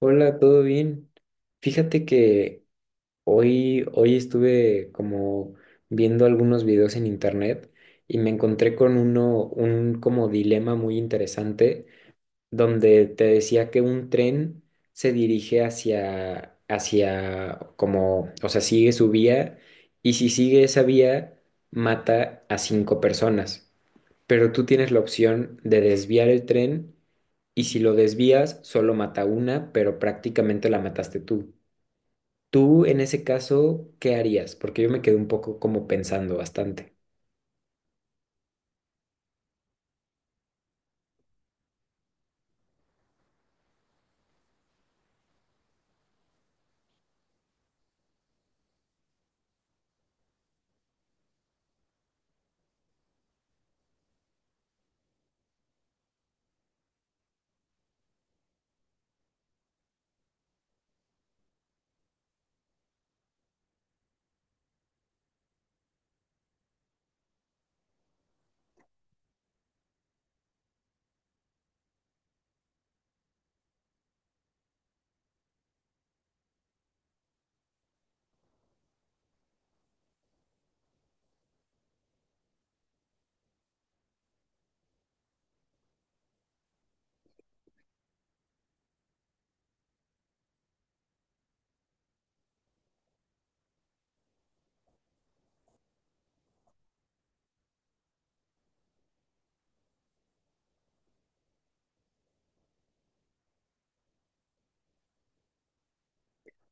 Hola, ¿todo bien? Fíjate que hoy estuve como viendo algunos videos en internet y me encontré con un como dilema muy interesante donde te decía que un tren se dirige hacia como, o sea, sigue su vía y si sigue esa vía mata a cinco personas, pero tú tienes la opción de desviar el tren y si lo desvías, solo mata una, pero prácticamente la mataste tú. Tú, en ese caso, ¿qué harías? Porque yo me quedé un poco como pensando bastante.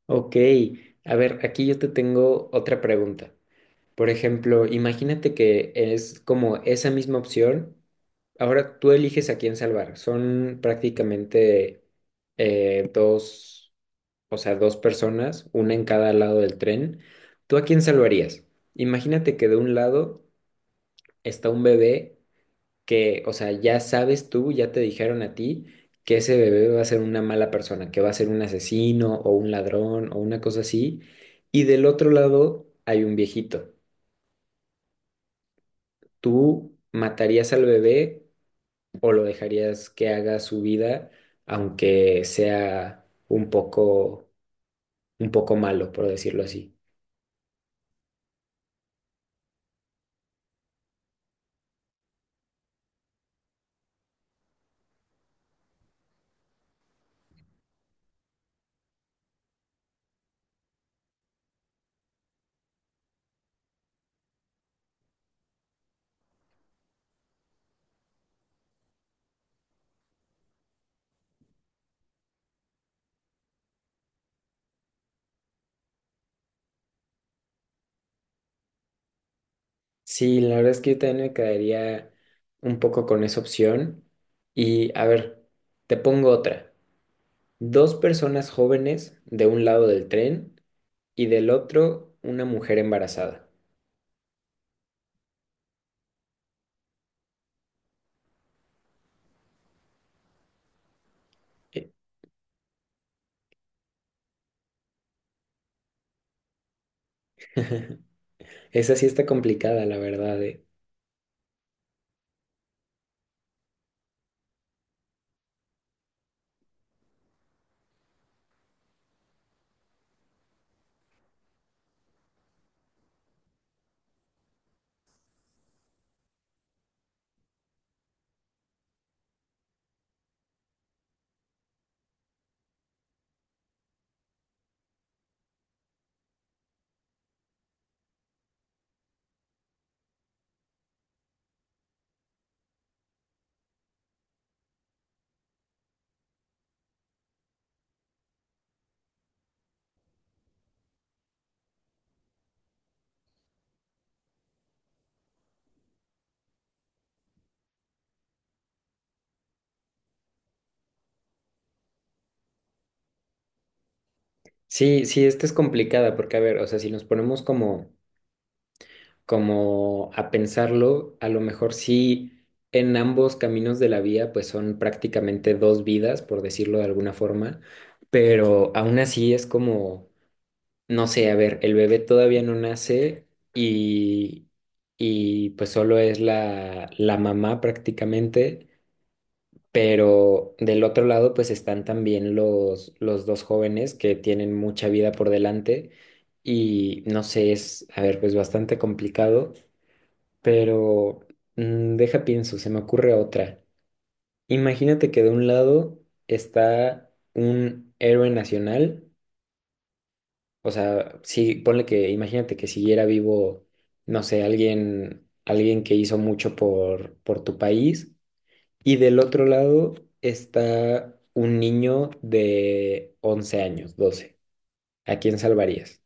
Ok, a ver, aquí yo te tengo otra pregunta. Por ejemplo, imagínate que es como esa misma opción. Ahora tú eliges a quién salvar. Son prácticamente dos, o sea, dos personas, una en cada lado del tren. ¿Tú a quién salvarías? Imagínate que de un lado está un bebé que, o sea, ya sabes tú, ya te dijeron a ti que ese bebé va a ser una mala persona, que va a ser un asesino o un ladrón o una cosa así. Y del otro lado hay un viejito. ¿Tú matarías al bebé o lo dejarías que haga su vida, aunque sea un poco malo, por decirlo así? Sí, la verdad es que yo también me quedaría un poco con esa opción. Y a ver, te pongo otra. Dos personas jóvenes de un lado del tren y del otro una mujer embarazada. Eh, Esa sí está complicada, la verdad. Sí, sí, esta es complicada porque, a ver, o sea, si nos ponemos como a pensarlo, a lo mejor sí en ambos caminos de la vía, pues son prácticamente dos vidas, por decirlo de alguna forma, pero aún así es como. No sé, a ver, el bebé todavía no nace y, y pues solo es la mamá prácticamente, pero del otro lado pues están también los dos jóvenes que tienen mucha vida por delante y no sé, es, a ver, pues bastante complicado, pero deja pienso, se me ocurre otra. Imagínate que de un lado está un héroe nacional. O sea, sí, ponle que, imagínate que siguiera vivo, no sé, alguien que hizo mucho por tu país, y del otro lado está un niño de 11 años, 12, ¿a quién salvarías?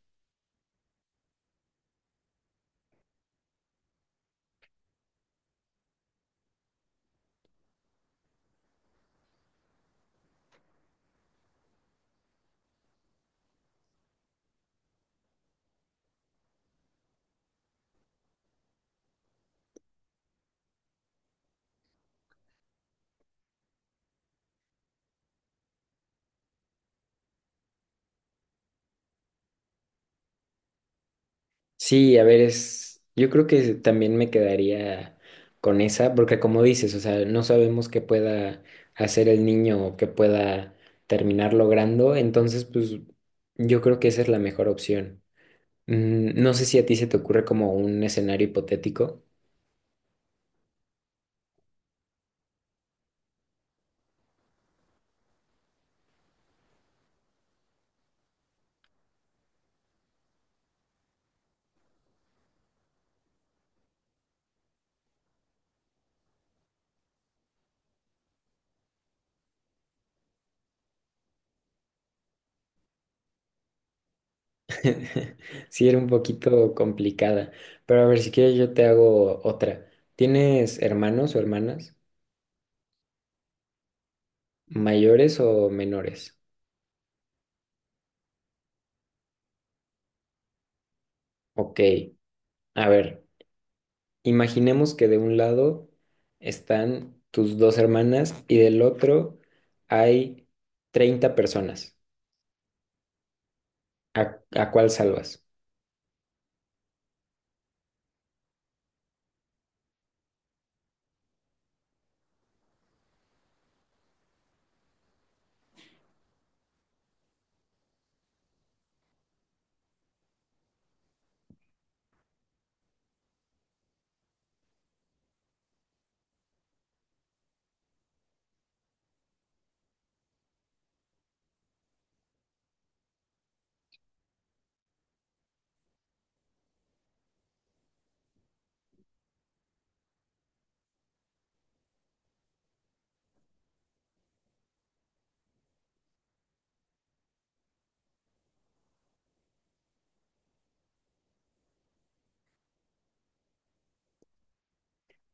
Sí, a ver, es, yo creo que también me quedaría con esa, porque como dices, o sea, no sabemos qué pueda hacer el niño o qué pueda terminar logrando, entonces, pues, yo creo que esa es la mejor opción. No sé si a ti se te ocurre como un escenario hipotético. Sí, era un poquito complicada, pero a ver, si quieres yo te hago otra. ¿Tienes hermanos o hermanas mayores o menores? Ok, a ver, imaginemos que de un lado están tus dos hermanas y del otro hay 30 personas. ¿A cuál salvas?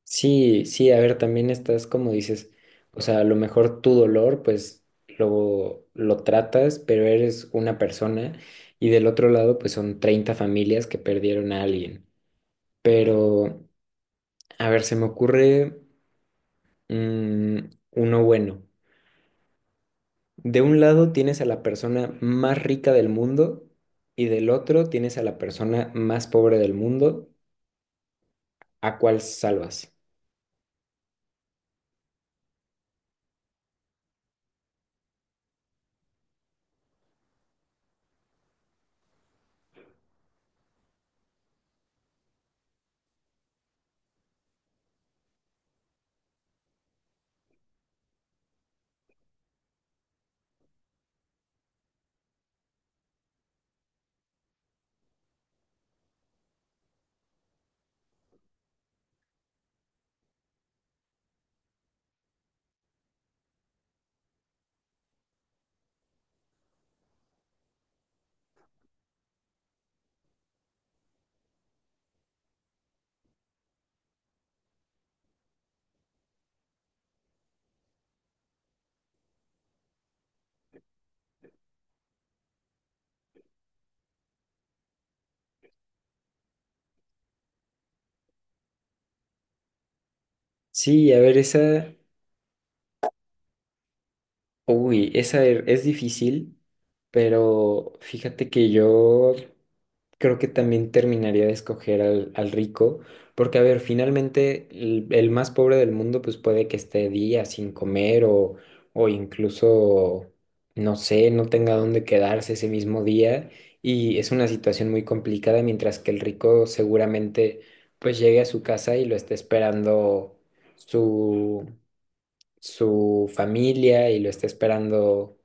Sí, sí, a ver, también estás como dices, o sea, a lo mejor tu dolor, pues lo tratas, pero eres una persona y del otro lado, pues son 30 familias que perdieron a alguien. Pero, a ver, se me ocurre mm, uno bueno. De un lado tienes a la persona más rica del mundo y del otro tienes a la persona más pobre del mundo. ¿A cuál salvas? Sí, a ver, esa. Uy, esa es difícil, pero fíjate que yo creo que también terminaría de escoger al rico, porque a ver, finalmente el más pobre del mundo pues puede que esté días sin comer o incluso, no sé, no tenga dónde quedarse ese mismo día y es una situación muy complicada, mientras que el rico seguramente pues llegue a su casa y lo esté esperando su familia y lo está esperando,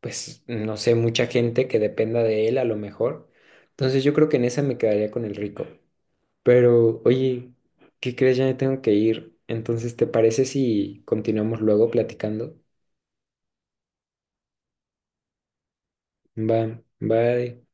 pues, no sé, mucha gente que dependa de él a lo mejor. Entonces yo creo que en esa me quedaría con el rico. Pero, oye, ¿qué crees? Ya me tengo que ir. Entonces, ¿te parece si continuamos luego platicando? Va, bye.